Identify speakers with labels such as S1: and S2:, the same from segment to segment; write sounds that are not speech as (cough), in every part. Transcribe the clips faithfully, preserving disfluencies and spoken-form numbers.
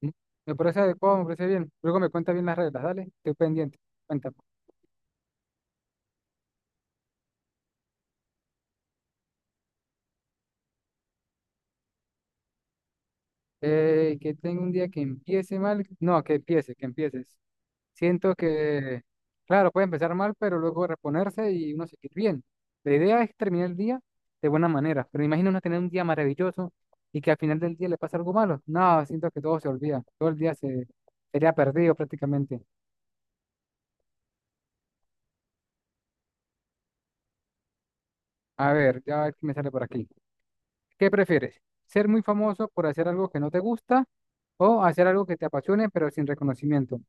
S1: Mm, Me parece adecuado, me parece bien. Luego me cuenta bien las reglas, dale. Estoy pendiente. Cuéntame. Eh, que tengo un día que empiece mal. No, que empiece, que empieces. Siento que, claro, puede empezar mal, pero luego reponerse y uno seguir bien. La idea es terminar el día de buena manera, pero imagina uno tener un día maravilloso y que al final del día le pasa algo malo. No, siento que todo se olvida. Todo el día se sería perdido prácticamente. A ver, ya a ver qué me sale por aquí. ¿Qué prefieres? ¿Ser muy famoso por hacer algo que no te gusta o hacer algo que te apasione pero sin reconocimiento?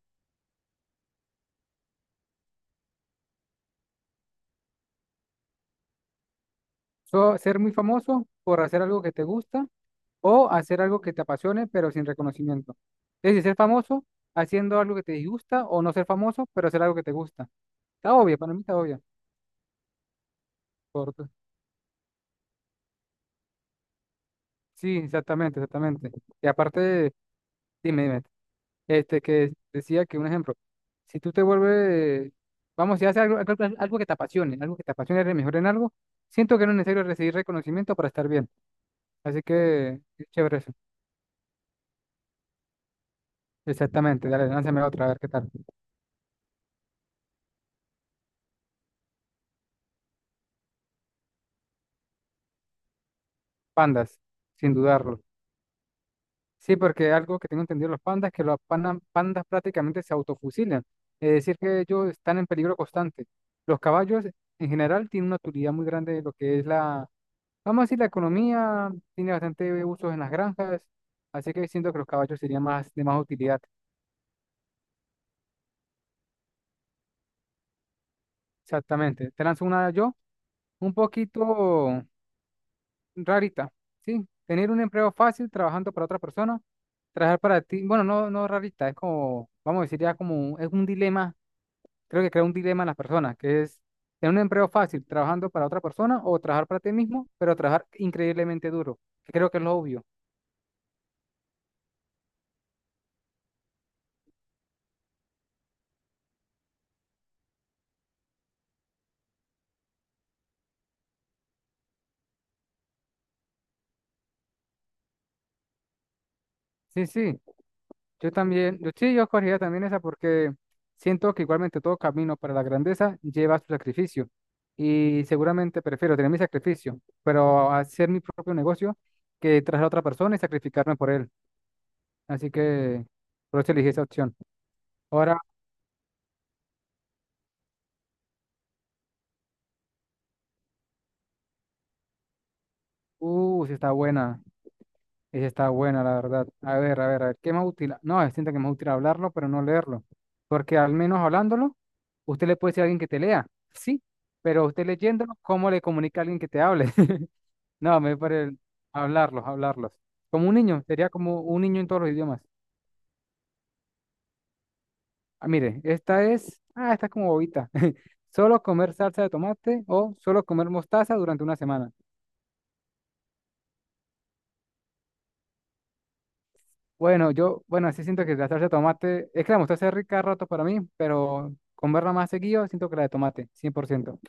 S1: So, ¿ser muy famoso por hacer algo que te gusta o hacer algo que te apasione pero sin reconocimiento? Es decir, ser famoso haciendo algo que te disgusta o no ser famoso pero hacer algo que te gusta. Está obvia, para mí está obvia. Por- sí, exactamente, exactamente. Y aparte, dime, dime. Este, que decía que un ejemplo, si tú te vuelves, vamos, si haces algo, algo, algo que te apasione, algo que te apasione, eres mejor en algo, siento que no es necesario recibir reconocimiento para estar bien. Así que es chévere eso. Exactamente, dale, lánzame otra, a ver qué tal. Pandas, sin dudarlo. Sí, porque algo que tengo entendido de los pandas es que los pandas, pandas prácticamente se autofusilan. Es decir, que ellos están en peligro constante. Los caballos, en general, tienen una utilidad muy grande de lo que es la, vamos a decir, la economía. Tiene bastante usos en las granjas, así que siento que los caballos serían más de más utilidad. Exactamente. Te lanzo una yo, un poquito rarita, ¿sí? Tener un empleo fácil trabajando para otra persona, trabajar para ti, bueno, no, no rarita, es como, vamos a decir ya como, es un dilema, creo que crea un dilema en las personas, que es tener un empleo fácil trabajando para otra persona o trabajar para ti mismo, pero trabajar increíblemente duro, que creo que es lo obvio. Sí, sí. Yo también, yo sí, yo escogería también esa porque siento que igualmente todo camino para la grandeza lleva su sacrificio y seguramente prefiero tener mi sacrificio, pero hacer mi propio negocio que traer a otra persona y sacrificarme por él. Así que por eso elegí esa opción. Ahora, uh, sí está buena, esa está buena, la verdad. A ver, a ver, a ver, ¿qué más útil? No, siento que es más útil hablarlo, pero no leerlo, porque al menos hablándolo, usted le puede decir a alguien que te lea, sí, pero usted leyéndolo, ¿cómo le comunica a alguien que te hable? (laughs) No, me parece hablarlos, hablarlos. Como un niño, sería como un niño en todos los idiomas. Ah, mire, esta es, ah, esta es como bobita. (laughs) Solo comer salsa de tomate o solo comer mostaza durante una semana. Bueno, yo, bueno, sí siento que la salsa de tomate, es que la mostaza es rica a rato para mí, pero comerla más seguido, siento que la de tomate, cien por ciento.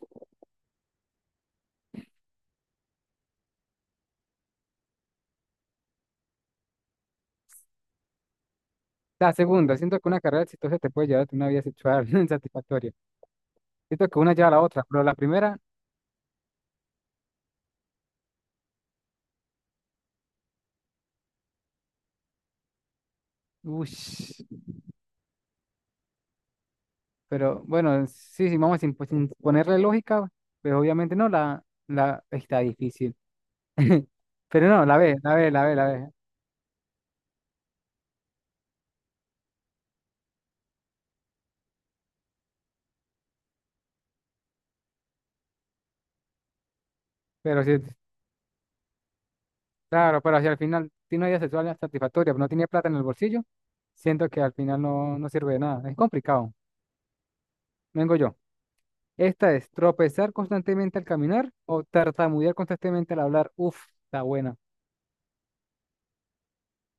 S1: La segunda, siento que una carrera exitosa te puede llevar a una vida sexual (laughs) satisfactoria. Siento que una lleva a la otra, pero la primera, uff. Pero bueno, sí, sí, vamos sin, pues, sin ponerle lógica, pues obviamente no, la, la está difícil. (laughs) Pero no, la ve, la ve, la ve, la ve. Pero sí, claro, pero si al final tiene una vida sexual satisfactoria, pero no tiene plata en el bolsillo, siento que al final no, no sirve de nada. Es complicado. Vengo yo. Esta es tropezar constantemente al caminar o tartamudear constantemente al hablar. Uf, está buena.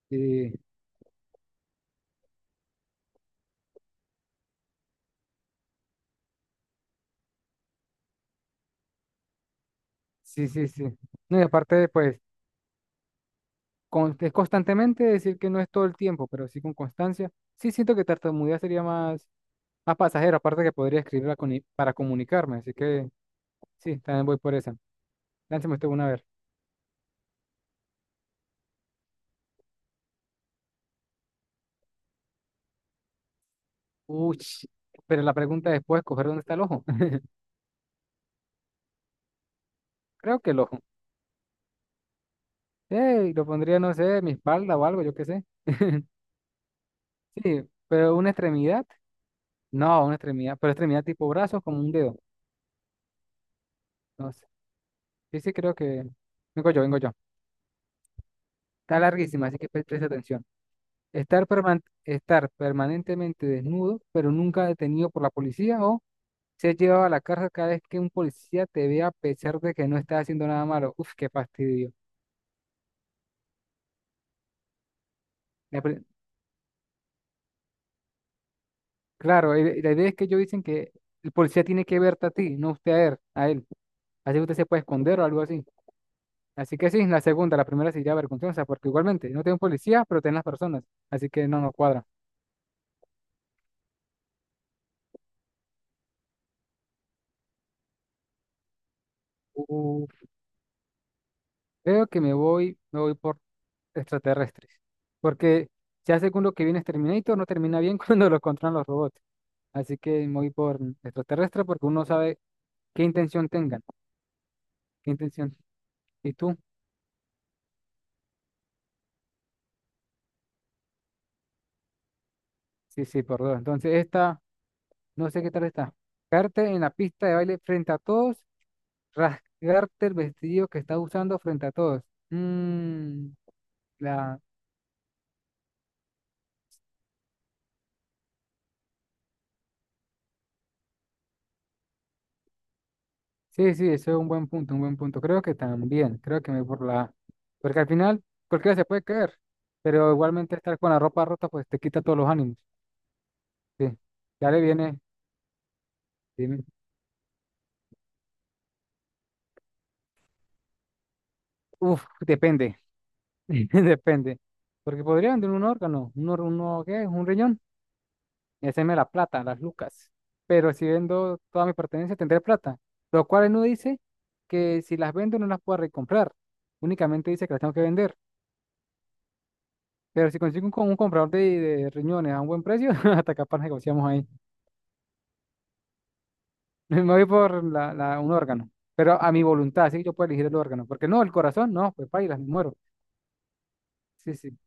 S1: Sí, sí, sí, sí. No, y aparte, pues, con- es constantemente decir que no es todo el tiempo, pero sí con constancia. Sí siento que tartamudea sería más, más pasajero, aparte que podría escribirla con i- para comunicarme, así que sí, también voy por esa. Lánceme usted una a ver. Uy, pero la pregunta después, coger dónde está el ojo. (laughs) Creo que el ojo. Sí, lo pondría, no sé, en mi espalda o algo, yo qué sé. (laughs) Sí, pero una extremidad. No, una extremidad, pero extremidad tipo brazos como un dedo. No sé. Sí, sí, creo que... Vengo yo, vengo yo. Está larguísima, así que pre- presta atención. Estar, perman- estar permanentemente desnudo, pero nunca detenido por la policía o ser llevado a la cárcel cada vez que un policía te vea a pesar de que no estás haciendo nada malo. Uf, qué fastidio. La pri- claro, eh, la idea es que ellos dicen que el policía tiene que verte a ti, no usted a él, a él. Así que usted se puede esconder o algo así. Así que sí, la segunda, la primera sería vergonzosa, porque igualmente no tengo policía, pero tengo las personas. Así que no nos cuadra. Uf, creo que me voy, me voy por extraterrestres. Porque ya según lo que viene es Terminator, no termina bien (laughs) cuando lo controlan los robots. Así que me voy por extraterrestre porque uno sabe qué intención tengan, qué intención. ¿Y tú? Sí, sí, por dos. Entonces esta, no sé qué tal está. Caerte en la pista de baile frente a todos, rasgarte el vestido que estás usando frente a todos. Mm, la, sí, sí, eso es un buen punto, un buen punto. Creo que también, creo que me voy por la A. Porque al final cualquiera se puede caer, pero igualmente estar con la ropa rota pues te quita todos los ánimos. Sí, ya le viene, dime. Uf, depende, (laughs) depende. Porque podría vender un órgano, un, or- uno, ¿qué? Un riñón y hacerme la plata, las lucas. Pero si vendo toda mi pertenencia tendré plata, lo cual no dice que si las vendo no las pueda recomprar, únicamente dice que las tengo que vender. Pero si consigo un, co- un comprador de, de riñones a un buen precio, (laughs) hasta capaz negociamos ahí. (laughs) Me voy por la, la- un órgano, pero a mi voluntad, así que yo puedo elegir el órgano. Porque no, el corazón, no, pues paila, me muero. Sí, sí.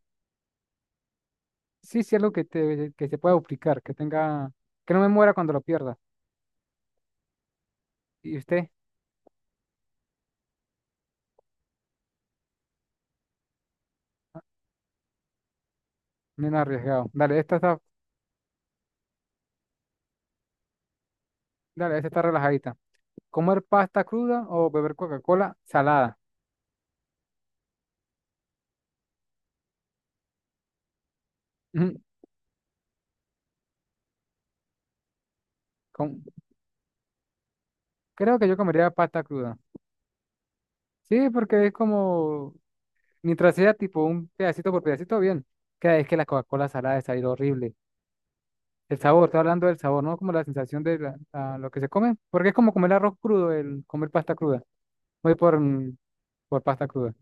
S1: Sí, sí, algo que, te, que se pueda duplicar, que tenga, que no me muera cuando lo pierda. Y usted, menos arriesgado. Dale, esta está, dale, esta está relajadita. ¿Comer pasta cruda o beber Coca-Cola salada? (laughs) Ujú. Com- creo que yo comería pasta cruda. Sí, porque es como mientras sea tipo un pedacito por pedacito, bien. Cada vez que la Coca-Cola salada es salir horrible. El sabor, estoy hablando del sabor, ¿no? Como la sensación de la- la- lo que se come. Porque es como comer arroz crudo, el comer pasta cruda. Voy por, mm, por pasta cruda.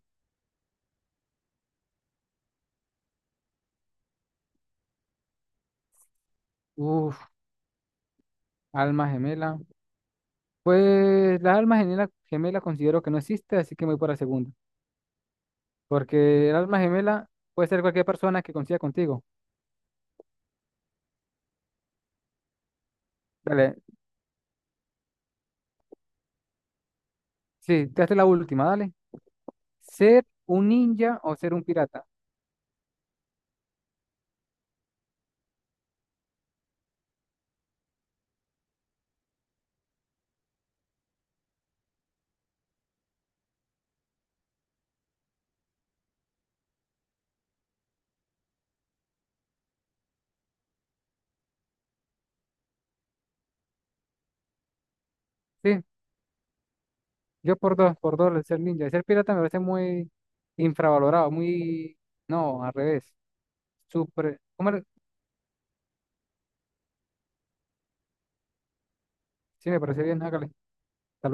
S1: Uf, alma gemela. Pues la alma gemela, gemela considero que no existe, así que me voy por la segunda. Porque el alma gemela puede ser cualquier persona que coincida contigo. Dale, sí, te hace la última, dale. Ser un ninja o ser un pirata. Sí, yo por dos, por dos, el ser ninja. El ser pirata me parece muy infravalorado, muy... No, al revés. Súper... ¿Cómo era? Sí, me parece bien, hágale. Hasta luego.